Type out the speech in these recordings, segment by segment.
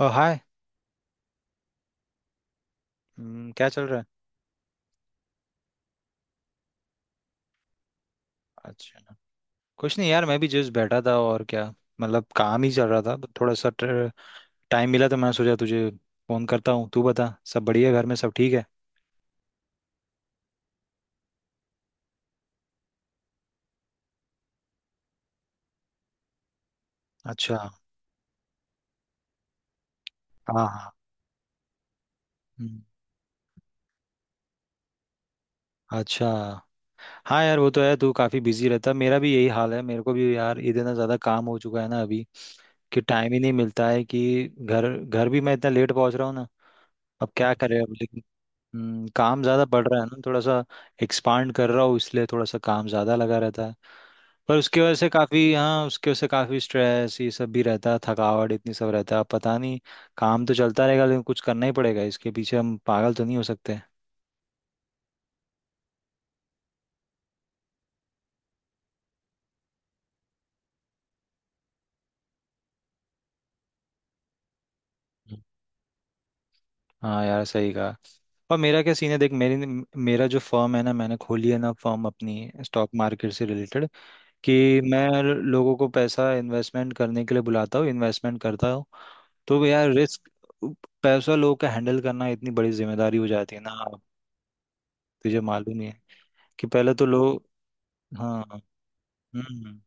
ओ हाय। क्या चल रहा है? अच्छा। कुछ नहीं यार, मैं भी जस्ट बैठा था। और क्या, मतलब काम ही चल रहा था बट थोड़ा सा टाइम मिला तो मैंने सोचा तुझे फोन करता हूँ। तू बता, सब बढ़िया? घर में सब ठीक है? अच्छा। हाँ हाँ। हम्म, अच्छा। हाँ यार, वो तो है। तू काफी बिजी रहता, मेरा भी यही हाल है। मेरे को भी यार इतना ज्यादा काम हो चुका है ना अभी कि टाइम ही नहीं मिलता है कि घर घर भी मैं इतना लेट पहुंच रहा हूँ ना। अब क्या करे, अब लेकिन... काम ज्यादा बढ़ रहा है ना, थोड़ा सा एक्सपांड कर रहा हूँ इसलिए थोड़ा सा काम ज्यादा लगा रहता है। पर उसकी वजह से काफी हाँ उसके वजह से काफी स्ट्रेस ये सब भी रहता है, थकावट इतनी सब रहता है। अब पता नहीं, काम तो चलता रहेगा लेकिन कुछ करना ही पड़ेगा, इसके पीछे हम पागल तो नहीं हो सकते। हम्म। हाँ यार, सही कहा। और मेरा क्या सीन है देख, मेरी मेरा जो फर्म है ना, मैंने खोली है ना फर्म अपनी, स्टॉक मार्केट से रिलेटेड, कि मैं लोगों को पैसा इन्वेस्टमेंट करने के लिए बुलाता हूँ, इन्वेस्टमेंट करता हूँ। तो यार रिस्क, पैसा लोगों का हैंडल करना इतनी बड़ी जिम्मेदारी हो जाती है ना। तुझे मालूम ही है कि पहले तो लोग... हाँ। हम्म।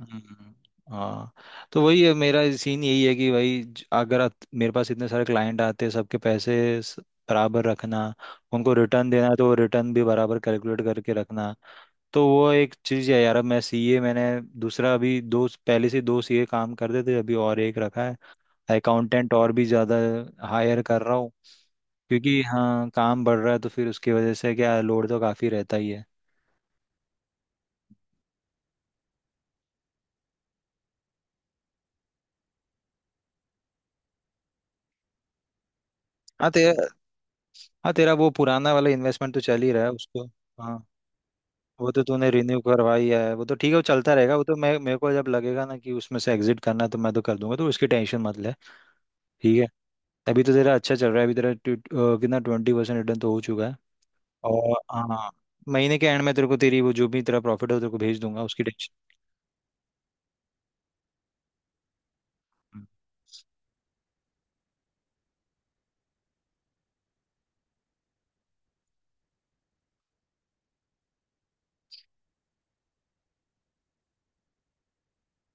हम्म, हाँ। तो वही है मेरा सीन, यही है कि भाई ज- अगर आत- मेरे पास इतने सारे क्लाइंट आते हैं, सबके पैसे स- बराबर रखना, उनको रिटर्न देना है तो रिटर्न भी बराबर कैलकुलेट करके रखना। तो वो एक चीज़ है यार। अब मैं सीए, मैंने दूसरा, अभी दो पहले से दो सीए काम करते थे, अभी और एक रखा है, अकाउंटेंट और भी ज़्यादा हायर कर रहा हूँ, क्योंकि हाँ, काम बढ़ रहा है तो फिर उसकी वजह से क्या लोड तो काफ़ी रहता ही है। हाँ तेरा, हाँ तेरा वो पुराना वाला इन्वेस्टमेंट तो चल ही रहा है उसको, हाँ। वो तो तूने रिन्यू करवाई है, वो तो ठीक है, वो चलता रहेगा। वो तो मैं मेरे को जब लगेगा ना कि उसमें से एग्जिट करना है तो मैं तो कर दूंगा, तो उसकी टेंशन मत ले। ठीक है, अभी तो तेरा अच्छा चल रहा है, अभी तेरा कितना 20% रिटर्न तो हो चुका है। और हाँ, महीने के एंड में तेरे को तेरी वो जो भी तेरा प्रॉफिट है वो तेरे को भेज दूंगा, उसकी टेंशन...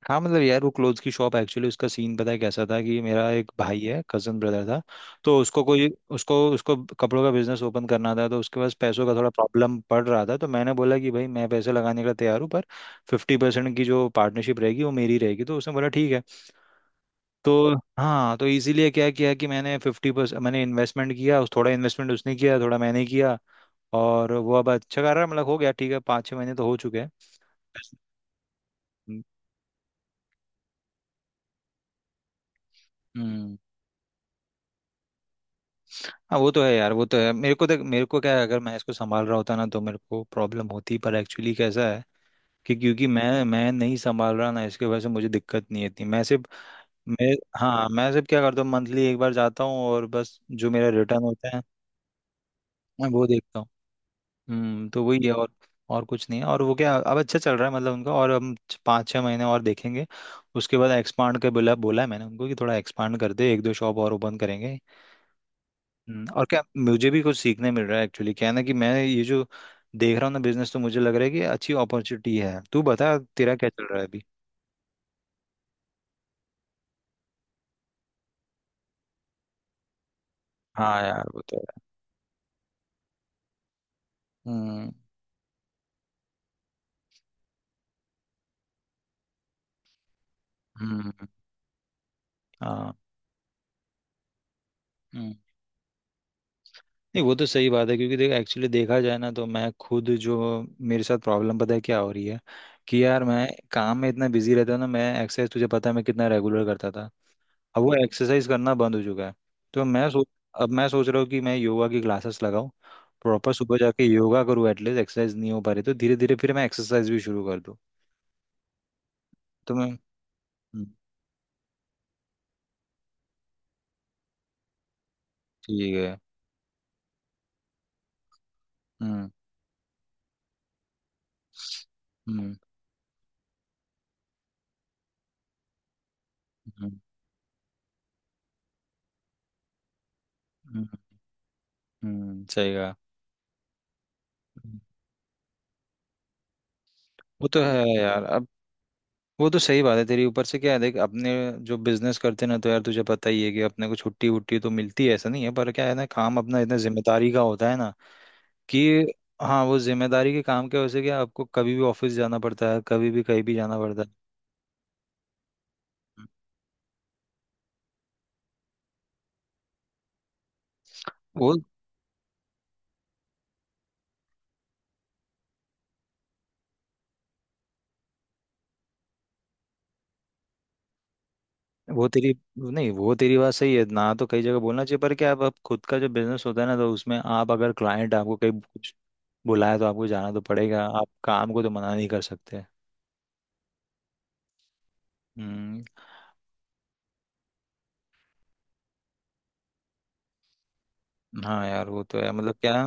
हाँ मतलब यार, वो क्लोथ्स की शॉप एक्चुअली उसका सीन पता है कैसा था कि मेरा एक भाई है, कजन ब्रदर था, तो उसको कोई... उसको उसको कपड़ों का बिजनेस ओपन करना था तो उसके पास पैसों का थोड़ा प्रॉब्लम पड़ रहा था, तो मैंने बोला कि भाई मैं पैसे लगाने के लिए तैयार हूँ पर 50% की जो पार्टनरशिप रहेगी वो मेरी रहेगी, तो उसने बोला ठीक है। तो हाँ, तो इसीलिए क्या किया कि मैंने 50% मैंने इन्वेस्टमेंट किया उस, थोड़ा इन्वेस्टमेंट उसने किया थोड़ा मैंने किया। और वो अब अच्छा कर रहा है, मतलब हो गया ठीक है, 5-6 महीने तो हो चुके हैं। हम्म। हाँ वो तो है यार, वो तो है। मेरे को देख, मेरे को क्या है अगर मैं इसको संभाल रहा होता ना तो मेरे को प्रॉब्लम होती, पर एक्चुअली कैसा है कि क्योंकि मैं नहीं संभाल रहा ना, इसके वजह से मुझे दिक्कत नहीं इतनी। मैं सिर्फ... मैं, हाँ, मैं सिर्फ क्या करता हूँ, मंथली एक बार जाता हूँ और बस जो मेरा रिटर्न होता है मैं वो देखता हूँ। हम्म, तो वही है। और कुछ नहीं है, और वो क्या, अब अच्छा चल रहा है मतलब उनका। और 5-6 महीने और देखेंगे, उसके बाद एक्सपांड के, बोला बोला है मैंने उनको कि थोड़ा एक्सपांड कर दे, एक दो शॉप और ओपन करेंगे। और क्या, मुझे भी कुछ सीखने मिल रहा है एक्चुअली। क्या है ना कि मैं ये जो देख रहा हूँ ना बिजनेस, तो मुझे लग रहा है कि अच्छी अपॉर्चुनिटी है। तू बता, तेरा क्या चल रहा है अभी? हाँ यार, वो तो है। हम्म। हम्म। हाँ। हम्म। नहीं वो तो सही बात है, क्योंकि देख एक्चुअली देखा जाए ना तो मैं खुद जो, मेरे साथ प्रॉब्लम पता है क्या हो रही है, कि यार मैं काम में इतना बिजी रहता हूँ ना, मैं एक्सरसाइज, तुझे पता है मैं कितना रेगुलर करता था, अब वो एक्सरसाइज करना बंद हो चुका है। तो मैं सोच... अब मैं सोच रहा हूँ कि मैं योगा की क्लासेस लगाऊं, प्रॉपर सुबह जाके योगा करूँ, एटलीस्ट एक्सरसाइज नहीं हो पा रही तो धीरे धीरे फिर मैं एक्सरसाइज भी शुरू कर दूँ। तो मैं... हम्म, ठीक है। हम्म। हम्म। हम्म। हम्म। सही कहा। हम्म। वो तो है यार। अब वो तो सही बात है तेरी। ऊपर से क्या है देख, अपने जो बिजनेस करते हैं ना तो यार तुझे पता ही है कि अपने को छुट्टी वुट्टी तो मिलती है ऐसा नहीं है, पर क्या है ना, काम अपना इतना जिम्मेदारी का होता है ना कि... हाँ। वो जिम्मेदारी के काम के वजह से क्या आपको कभी भी ऑफिस जाना पड़ता है, कभी भी कहीं भी जाना पड़ता है। वो वो तेरी नहीं, वो तेरी बात सही है ना, तो कई जगह बोलना चाहिए, पर क्या आप खुद का जो बिजनेस होता है ना तो उसमें आप अगर क्लाइंट आपको कहीं कुछ बुलाए तो आपको जाना तो पड़ेगा, आप काम को तो मना नहीं कर सकते। हम्म। हाँ यार वो तो है, मतलब क्या।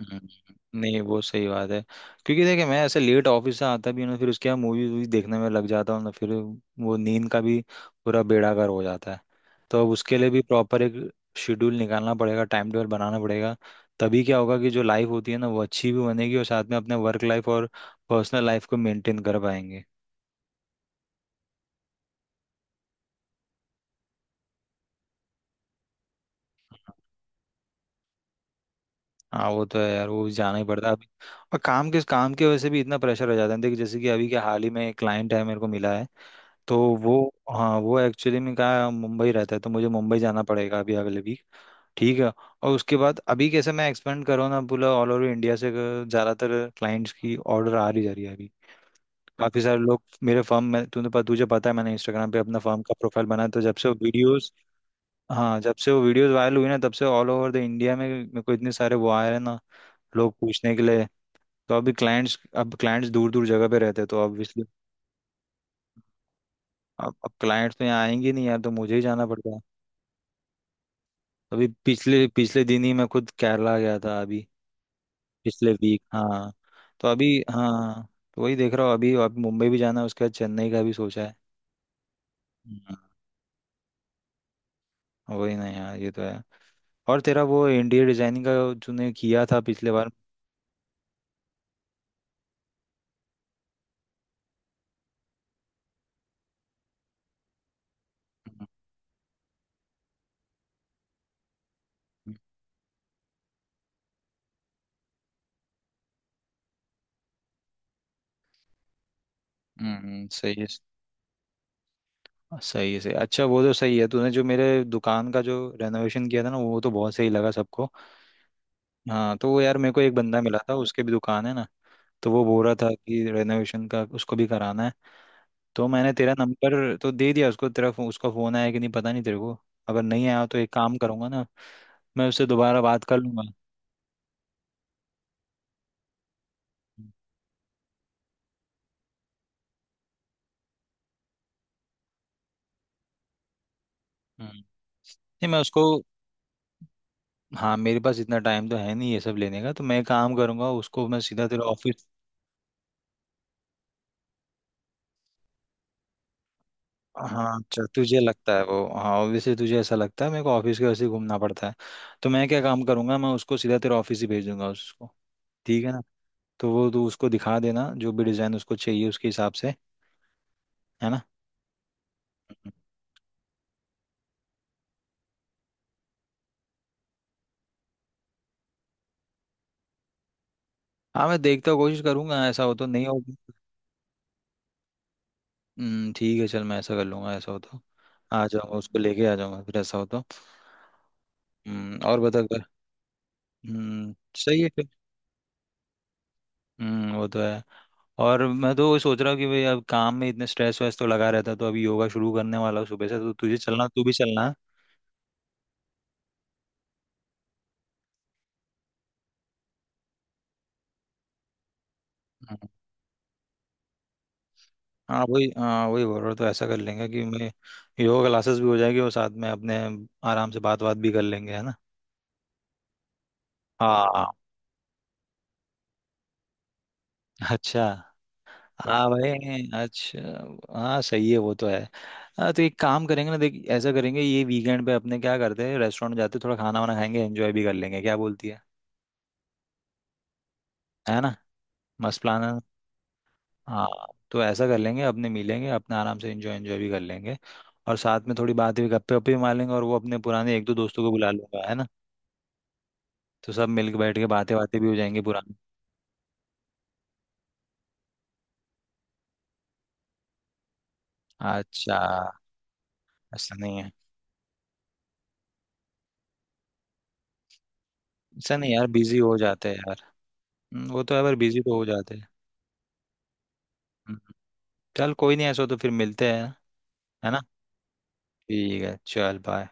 हम्म, नहीं वो सही बात है, क्योंकि देखिए मैं ऐसे लेट ऑफिस से आता भी हूँ ना, फिर उसके बाद मूवी वूवी देखने में लग जाता हूँ ना, फिर वो नींद का भी पूरा बेड़ागर हो जाता है। तो अब उसके लिए भी प्रॉपर एक शेड्यूल निकालना पड़ेगा, टाइम टेबल बनाना पड़ेगा, तभी क्या होगा कि जो लाइफ होती है ना वो अच्छी भी बनेगी और साथ में अपने वर्क लाइफ और पर्सनल लाइफ को मेंटेन कर पाएंगे। हाँ वो तो है यार, वो भी जाना ही पड़ता है अभी। और काम के, काम की वजह से भी इतना प्रेशर हो जाता है। देखिए जैसे कि अभी के हाल ही में एक क्लाइंट है मेरे को मिला है, तो वो... हाँ वो एक्चुअली में कहा मुंबई रहता है, तो मुझे मुंबई जाना पड़ेगा अभी अगले वीक। ठीक है। और उसके बाद अभी कैसे मैं एक्सपेंड करूँ ना पूरा ऑल ओवर इंडिया से, अगर ज़्यादातर क्लाइंट्स की ऑर्डर आ रही जा रही है अभी। काफ़ी सारे लोग मेरे फर्म में, तूने पता तुझे पता है मैंने इंस्टाग्राम पे अपना फर्म का प्रोफाइल बनाया, तो जब से वो वीडियोस... हाँ जब से वो वीडियोस वायरल हुई ना तब से ऑल ओवर द इंडिया में मेरे को इतने सारे वो आए हैं ना, लोग पूछने के लिए। तो अभी क्लाइंट्स, अब क्लाइंट्स दूर दूर जगह पे रहते हैं तो ऑब्वियसली अब क्लाइंट्स तो यहाँ आएंगे नहीं यार, तो मुझे ही जाना पड़ता है। अभी पिछले पिछले दिन ही मैं खुद केरला गया था अभी, पिछले वीक। हाँ तो अभी हाँ, तो वही देख रहा हूँ, अभी अभी मुंबई भी जाना है, उसके बाद चेन्नई का भी सोचा है। हाँ, वही ना यार, ये तो है। और तेरा वो इंटीरियर डिजाइनिंग का तूने किया था पिछले बार। हम्म, सही है सही है सही है। अच्छा वो तो सही है, तूने जो मेरे दुकान का जो रेनोवेशन किया था ना, वो तो बहुत सही लगा सबको। हाँ तो वो यार, मेरे को एक बंदा मिला था, उसके भी दुकान है ना, तो वो बोल रहा था कि रेनोवेशन का उसको भी कराना है, तो मैंने तेरा नंबर तो दे दिया उसको, उसका फ़ोन आया कि नहीं पता नहीं तेरे को। अगर नहीं आया तो एक काम करूंगा ना, मैं उससे दोबारा बात कर लूंगा। हम्म। नहीं मैं उसको... हाँ मेरे पास इतना टाइम तो है नहीं ये सब लेने का, तो मैं एक काम करूंगा, उसको मैं सीधा तेरे ऑफिस... हाँ अच्छा, तुझे लगता है वो, हाँ ऑब्वियसली तुझे ऐसा लगता है, मेरे को ऑफिस के वैसे ही घूमना पड़ता है। तो मैं क्या काम करूंगा, मैं उसको सीधा तेरे ऑफिस ही भेज दूंगा उसको। ठीक है ना, तो वो तू उसको दिखा देना जो भी डिज़ाइन उसको चाहिए उसके हिसाब से, है ना। हाँ मैं देखता, कोशिश करूंगा, ऐसा हो तो, नहीं हो... ठीक है चल, मैं ऐसा कर लूंगा ऐसा हो तो, आ जाऊंगा, उसको लेके आ जाऊंगा फिर, ऐसा हो तो। और बता कर। हम्म। सही है फिर। हम्म, वो तो है। और मैं तो वही सोच रहा हूँ कि भाई अब काम में इतने स्ट्रेस वैस तो लगा रहता है, तो अभी योगा शुरू करने वाला हूँ सुबह से, तो तुझे चलना, तू भी चलना है। हम्म, हाँ वही बोल रहा हूँ, तो ऐसा कर लेंगे कि मैं योगा क्लासेस भी हो जाएगी और साथ में अपने आराम से बात बात भी कर लेंगे, है ना। हाँ, अच्छा। हाँ भाई, अच्छा। हाँ सही है, वो तो है। हाँ, तो एक काम करेंगे ना देख, ऐसा करेंगे, ये वीकेंड पे अपने क्या करते हैं, रेस्टोरेंट जाते हैं, थोड़ा खाना वाना खाएंगे, एंजॉय भी कर लेंगे, क्या बोलती है ना, मस्त प्लान है। हाँ, तो ऐसा कर लेंगे, अपने मिलेंगे, अपने आराम से एंजॉय एंजॉय भी कर लेंगे, और साथ में थोड़ी बातें भी, गप्पे वप्पे भी मार लेंगे, और वो अपने पुराने एक दो दोस्तों को बुला लूंगा, है ना। तो सब मिलकर बैठ के बातें बातें भी हो जाएंगी पुरानी। अच्छा। ऐसा नहीं है ऐसा नहीं यार, बिजी हो जाते हैं यार। वो तो है, पर बिजी तो हो जाते हैं। हम्म, चल कोई नहीं, ऐसा हो तो फिर मिलते हैं, है ना। ठीक है चल, बाय।